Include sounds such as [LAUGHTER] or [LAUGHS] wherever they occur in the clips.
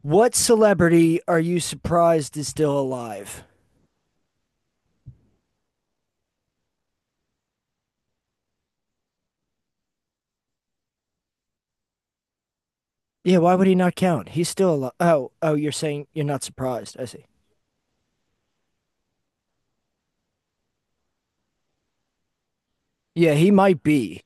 What celebrity are you surprised is still alive? Yeah, why would he not count? He's still alive. Oh, oh, you're saying you're not surprised. I see. Yeah, he might be.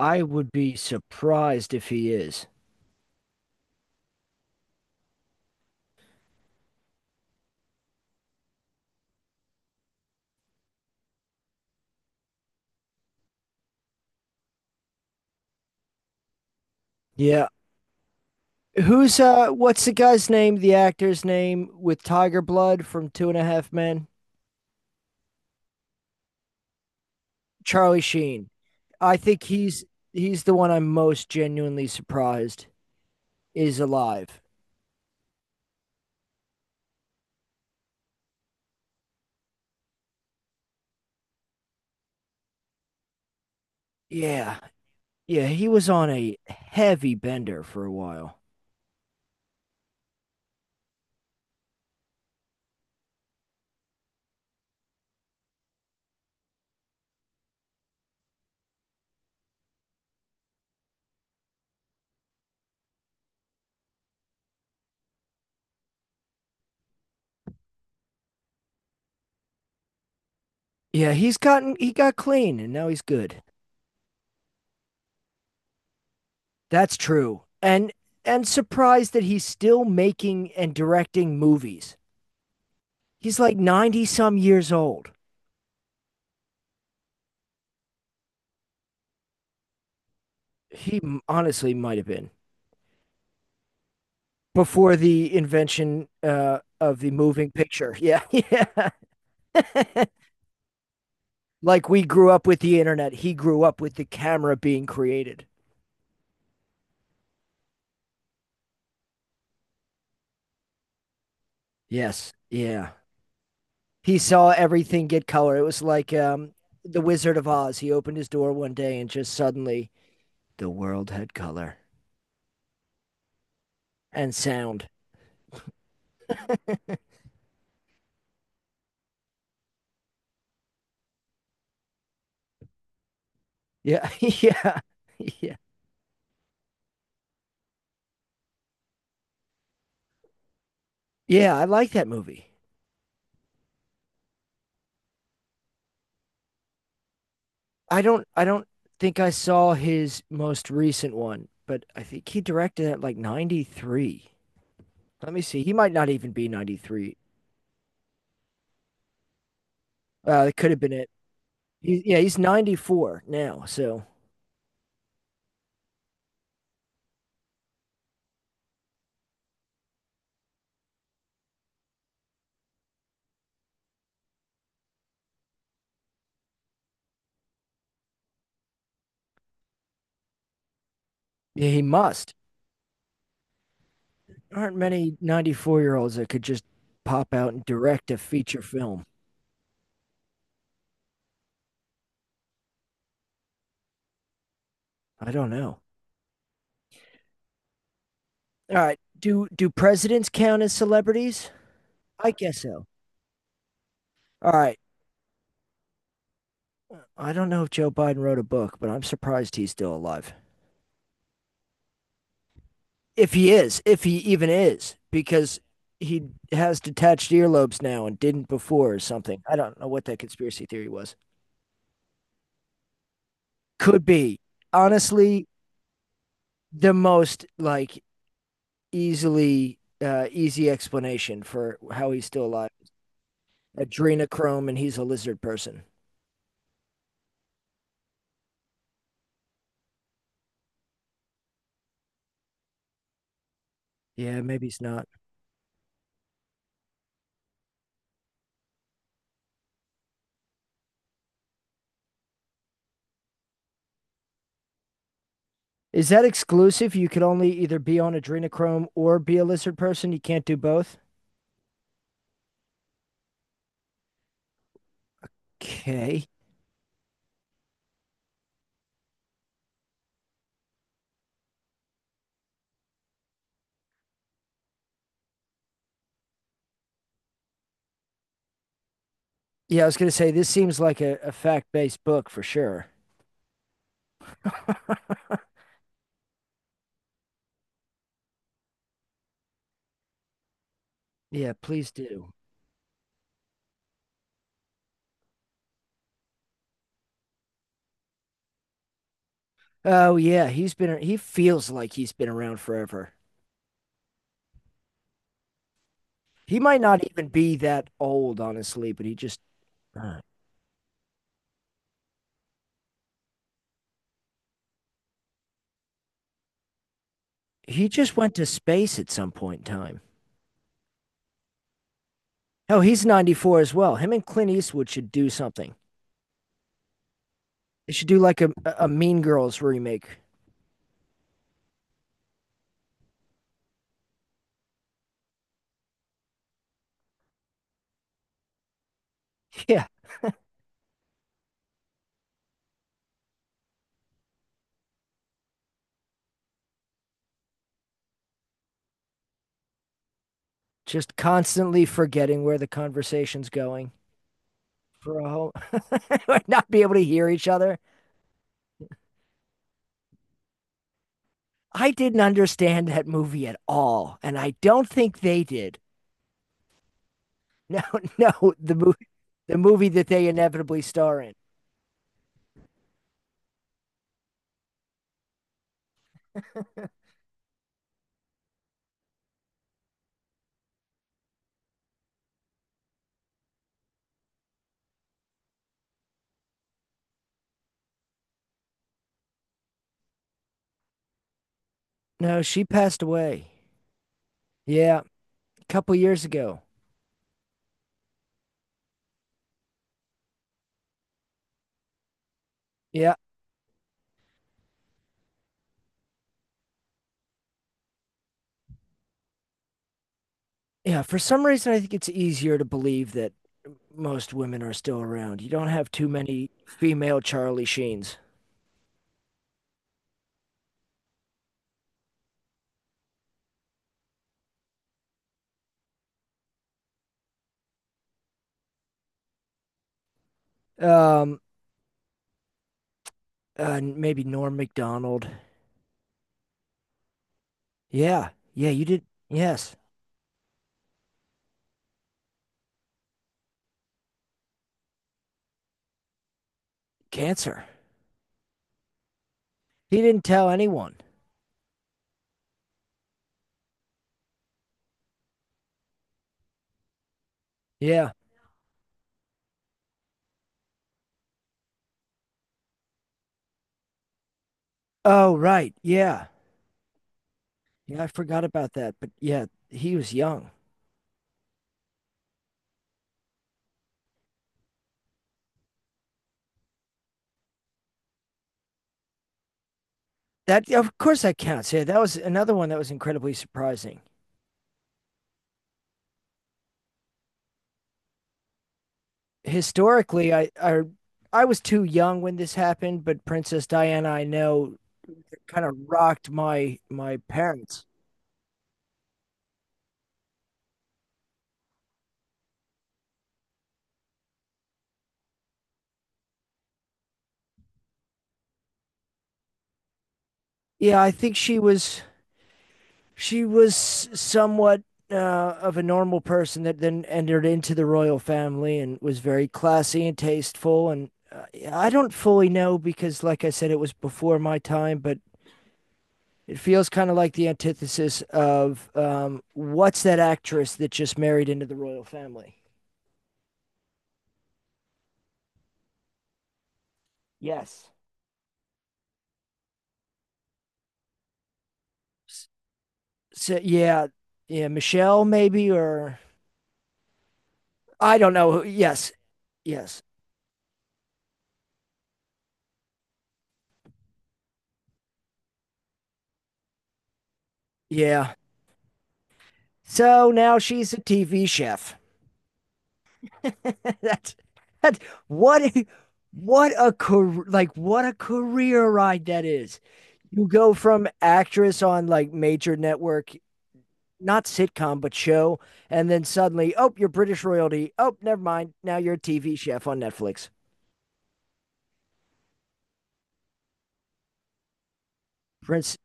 I would be surprised if he is. Yeah. Who's what's the guy's name, the actor's name with Tiger Blood from Two and a Half Men? Charlie Sheen. I think he's the one I'm most genuinely surprised is alive. Yeah. Yeah, he was on a heavy bender for a while. Yeah, he got clean and now he's good. That's true. And surprised that he's still making and directing movies. He's like 90 some years old. He honestly might have been before the invention of the moving picture. Yeah. Yeah. [LAUGHS] Like we grew up with the internet, he grew up with the camera being created. Yes. Yeah. He saw everything get color. It was like the Wizard of Oz. He opened his door one day and just suddenly the world had color and sound. Yeah, [LAUGHS] yeah, yeah, yeah. I like that movie. I don't think I saw his most recent one, but I think he directed it like '93. Let me see. He might not even be '93. It could have been it. Yeah, he's 94 now, so yeah, he must. There aren't many 94-year-olds that could just pop out and direct a feature film. I don't know. All right. Do presidents count as celebrities? I guess so. All right. I don't know if Joe Biden wrote a book, but I'm surprised he's still alive. If he is, if he even is, because he has detached earlobes now and didn't before or something. I don't know what that conspiracy theory was. Could be. Honestly, the most like easily easy explanation for how he's still alive. Adrenochrome and he's a lizard person. Yeah, maybe he's not. Is that exclusive? You could only either be on adrenochrome or be a lizard person. You can't do both. Okay. Yeah, I was going to say this seems like a fact-based book for sure. Yeah, please do. Oh yeah, he feels like he's been around forever. He might not even be that old, honestly, but uh, he just went to space at some point in time. Oh, he's 94 as well. Him and Clint Eastwood should do something. They should do like a Mean Girls remake. [LAUGHS] Yeah, just constantly forgetting where the conversation's going for a whole [LAUGHS] not be able to hear each other. I didn't understand that movie at all, and I don't think they did. [LAUGHS] No, no, the movie that they inevitably star in. No, she passed away. Yeah, a couple years ago. Yeah, yeah. For some reason, I think it's easier to believe that most women are still around. You don't have too many female Charlie Sheens. Um, maybe Norm Macdonald. Yeah, yeah. You did. Yes, cancer. He didn't tell anyone. Yeah. Oh, right. Yeah. Yeah, I forgot about that. But yeah, he was young. That of course that counts. Yeah, that was another one that was incredibly surprising. Historically, I was too young when this happened, but Princess Diana, I know, kind of rocked my parents. Yeah, I think she was somewhat uh, of a normal person that then entered into the royal family and was very classy and tasteful. And I don't fully know because, like I said, it was before my time, but it feels kind of like the antithesis of what's that actress that just married into the royal family? Yes. So yeah, yeah, Michelle maybe or I don't know. Yes, yes, yeah. So now she's a TV chef. [LAUGHS] That's that's what a what a career like what a career ride that is. You go from actress on like major network not sitcom but show, and then suddenly, oh, you're British royalty. Oh, never mind. Now you're a TV chef on Netflix. Prince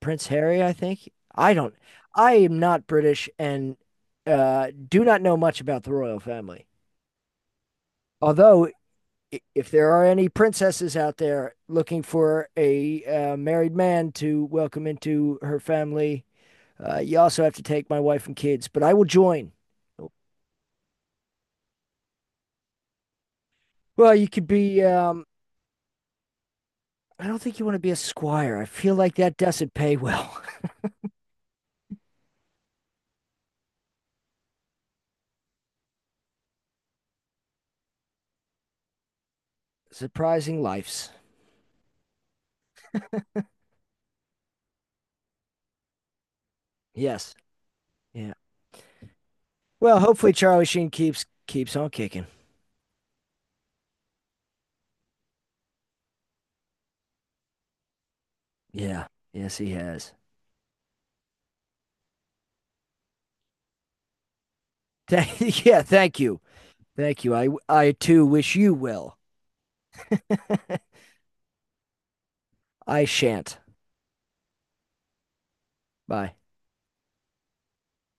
Prince Harry, I think. I don't. I am not British and do not know much about the royal family. Although, if there are any princesses out there looking for a married man to welcome into her family, you also have to take my wife and kids. But I will join. Well, you could be I don't think you want to be a squire. I feel like that doesn't pay well. [LAUGHS] Surprising lives. Yes. Yeah. Well, hopefully Charlie Sheen keeps on kicking. Yeah. Yes, he has. [LAUGHS] Yeah. Thank you. Thank you. I too wish you well. [LAUGHS] I shan't. Bye.